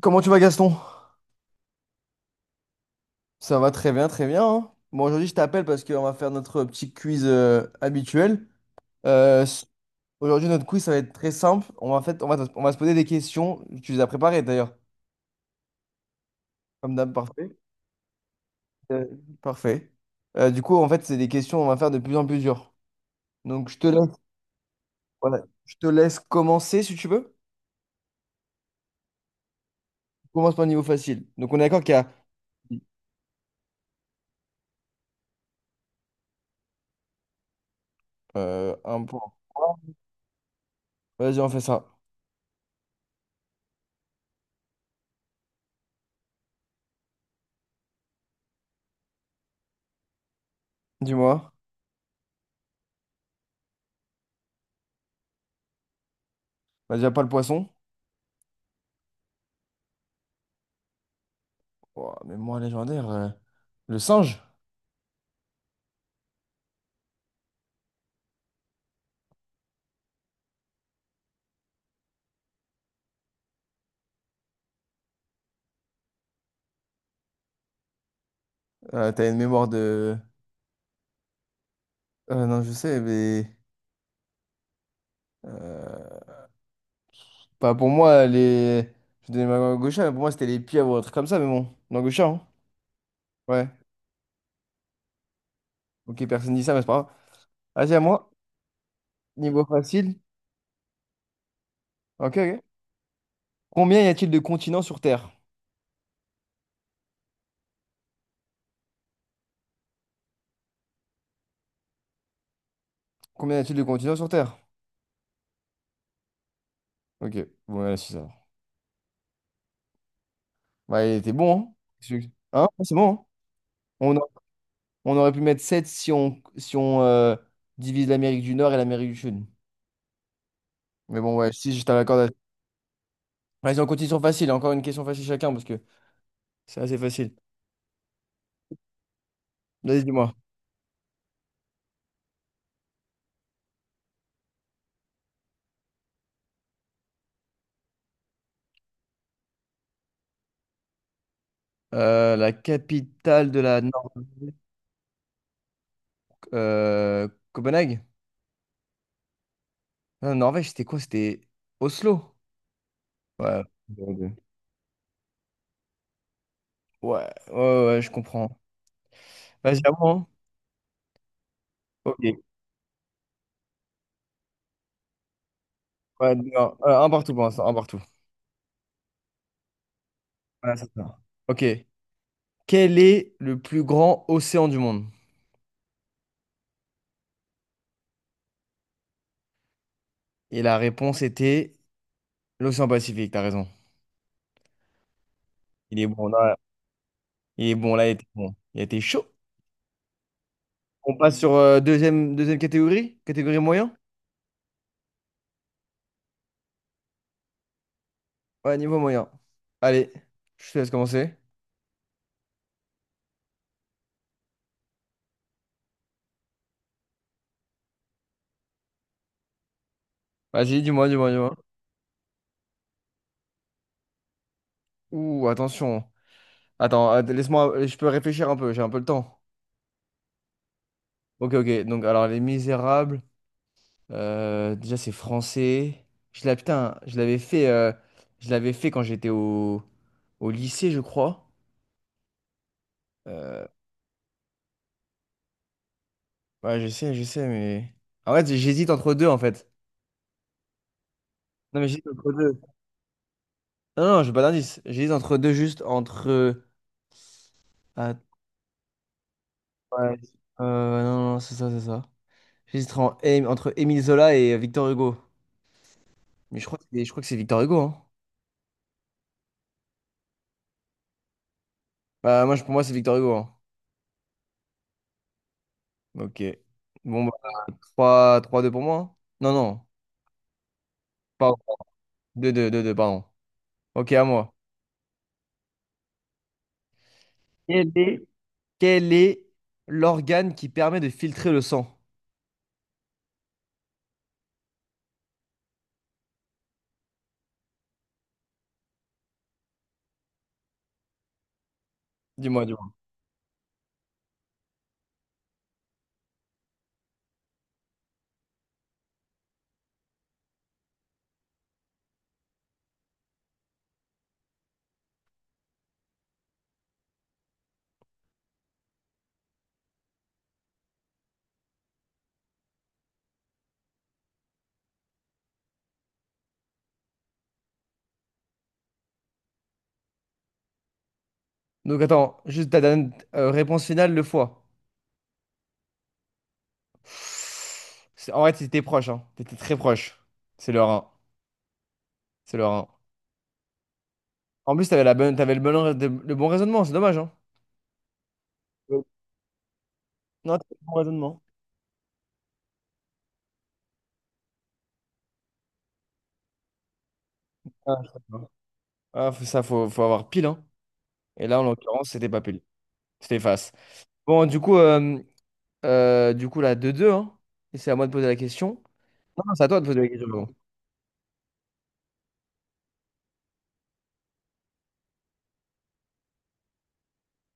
Comment tu vas Gaston? Ça va très bien, très bien, hein. Bon, aujourd'hui, je t'appelle parce qu'on va faire notre petit quiz habituel. Euh, s- Aujourd'hui, notre quiz, ça va être très simple. On va, fait, on va se poser des questions. Tu les as préparées d'ailleurs. Comme d'hab, parfait. Euh, Parfait. Du coup, en fait, c'est des questions on va faire de plus en plus dures. Donc, je te laisse, voilà, je te laisse commencer si tu veux. Commence par le niveau facile. Donc, on est d'accord qu'il y a un point. Vas-y, on fait ça. Dis-moi. Bah, déjà, pas le poisson. Ouah, mais moi, légendaire, le singe. T'as une mémoire de. Non, je sais, mais. euh, Bah, pour moi, les. Je donnais ma main à, mais pour moi, c'était les pieds ou un truc comme ça, mais bon. Non, Gaucha, hein? Ouais. Ok, personne dit ça, mais c'est pas grave. Vas-y, à moi. Niveau facile. Ok, ok. Combien y a-t-il de continents sur Terre? Combien y a-t-il de continents sur Terre? Ok, ouais, c'est ça. Bah, il était bon, hein? Qu'est-ce que- Hein? Ouais, c'est bon, hein? On, a- on aurait pu mettre 7 si on divise l'Amérique du Nord et l'Amérique du Sud. Mais bon, ouais, si je t'accorde. Vas-y, on continue sur facile. Encore une question facile chacun, parce que. C'est assez facile. Vas-y, dis-moi. La capitale de la Nor- Copenhague? Non, Norvège, c'était quoi? C'était Oslo? Ouais. Ouais, ouais, ouais, ouais, je comprends. Vas-y, à moi, hein. Ok. Ouais, non, un partout pour l'instant, un partout. Ouais, c'est ça. Ok. Quel est le plus grand océan du monde? Et la réponse était l'océan Pacifique, t'as raison. Il est bon, là. Il est bon, là, il était bon. Il était chaud. On passe sur deuxième catégorie? Catégorie moyen? Ouais, niveau moyen. Allez, je te laisse commencer. Vas-y, dis-moi, dis-moi, dis-moi. Ouh, attention. Attends, laisse-moi, je peux réfléchir un peu, j'ai un peu le temps. Ok, ok. Donc, alors, Les Misérables, déjà, c'est français. Putain, je l'avais fait quand j'étais au lycée, je crois. Euh, ouais, je sais, mais. En fait, j'hésite entre deux, en fait. Non, mais j'hésite entre deux. Non, non, j'ai pas d'indice. J'hésite entre deux, juste entre. Ah, ouais. Non, non, c'est ça, c'est ça. J'hésiterais entre Émile Zola et Victor Hugo. Mais je crois que c'est Victor Hugo, hein. Bah, moi, pour moi, c'est Victor Hugo, hein. Ok. Bon, bah, 3 3-2 pour moi, hein. Non, non. Pardon. Deux deux deux 2, pardon. Ok, à moi. Quel est, quel est l'organe qui permet de filtrer le sang? Dis-moi, dis-moi. Donc, attends, juste ta dernière réponse finale, le foie. En vrai, t'étais proche, hein. T'étais très proche. C'est le rein. C'est le rein. En plus, t'avais la bonne, t'avais le bon, le bon raisonnement, c'est dommage, hein. Ouais. Non, t'avais le bon raisonnement. Ah, ça, va. Ah, ça, faut avoir pile, hein. Et là, en l'occurrence, c'était pas pile. C'était face. Bon, du coup, là, 2-2, hein. Et c'est à moi de poser la question. Non, non, c'est à toi de poser la question. Pardon.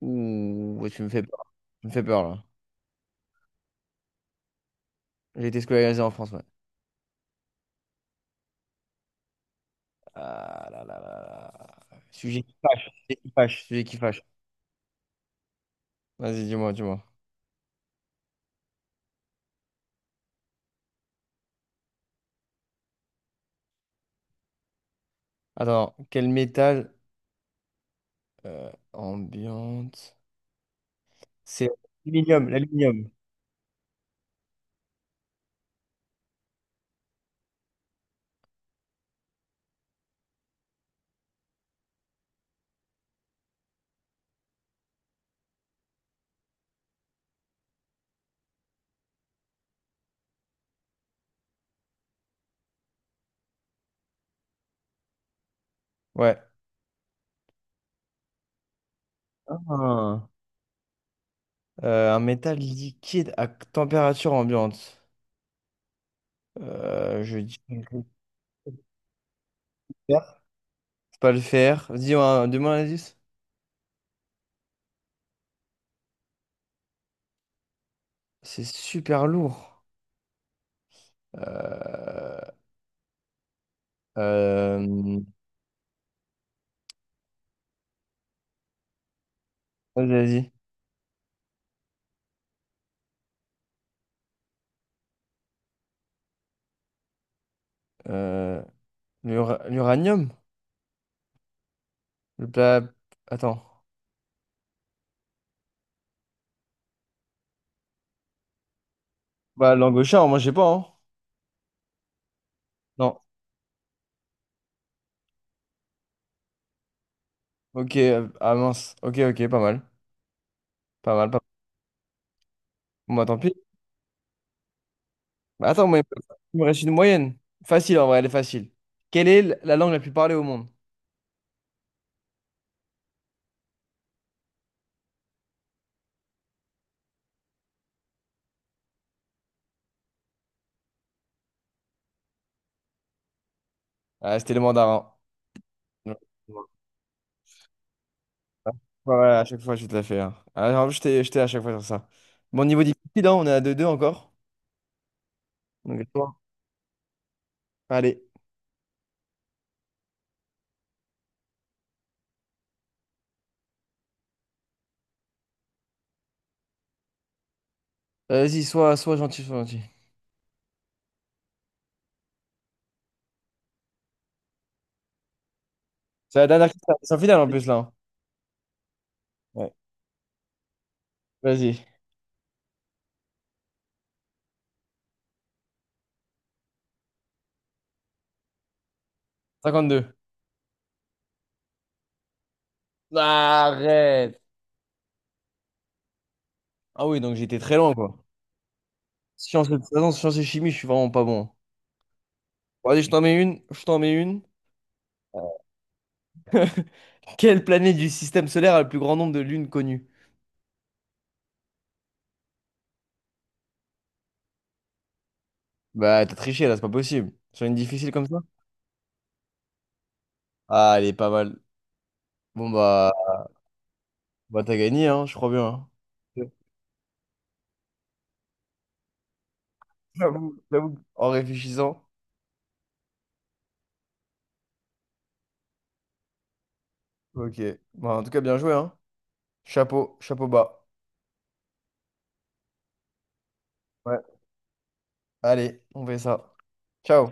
Ouh, ouais, tu me fais peur. Tu me fais peur, là. J'ai été scolarisé en France, ouais. Ah là là là là. Sujet qui fâche. Sujet qui fâche. Sujet qui fâche. Vas-y, dis-moi, dis-moi. Attends, quel métal ambiante? C'est l'aluminium, l'aluminium. Ouais. Ah. Un métal liquide à température ambiante. Je dis le fer. C'est pas le fer. Demande un indice. C'est super lourd. Euh, euh, Vas-y, vas-y. Euh, L'uranium? Le plat. Attends. Bah, l'angochard, moi, je sais pas, hein. Non. Ok, ah mince. Ok, ok, pas mal. Pas mal, pas mal. Bon, bah, tant pis. Bah, attends, moi, il me reste une moyenne. Facile, en vrai, elle est facile. Quelle est la langue la plus parlée au monde? Ah, c'était le mandarin. Ouais, ouais, à chaque fois, je te la fais, hein. Ah, en plus, j'étais à chaque fois sur ça. Bon, niveau difficile, hein, on est à deux deux encore. Donc, à toi. Allez. Vas-y, sois gentil, sois gentil. C'est la dernière question. C'est en finale en plus, là, hein. Ouais. Vas-y. 52. Arrête. Ah oui, donc j'étais très loin, quoi. Sciences de toute façon, sciences et chimie, je suis vraiment pas bon. Bon, allez, je t'en mets une. Je t'en mets une. Quelle planète du système solaire a le plus grand nombre de lunes connues? Bah, t'as triché, là, c'est pas possible. Sur une difficile comme ça? Ah, elle est pas mal. Bon, bah t'as gagné, hein, je crois bien, hein. J'avoue, j'avoue. En réfléchissant. Ok. Bah, en tout cas, bien joué, hein. Chapeau, chapeau bas. Ouais. Allez, on fait ça. Ciao.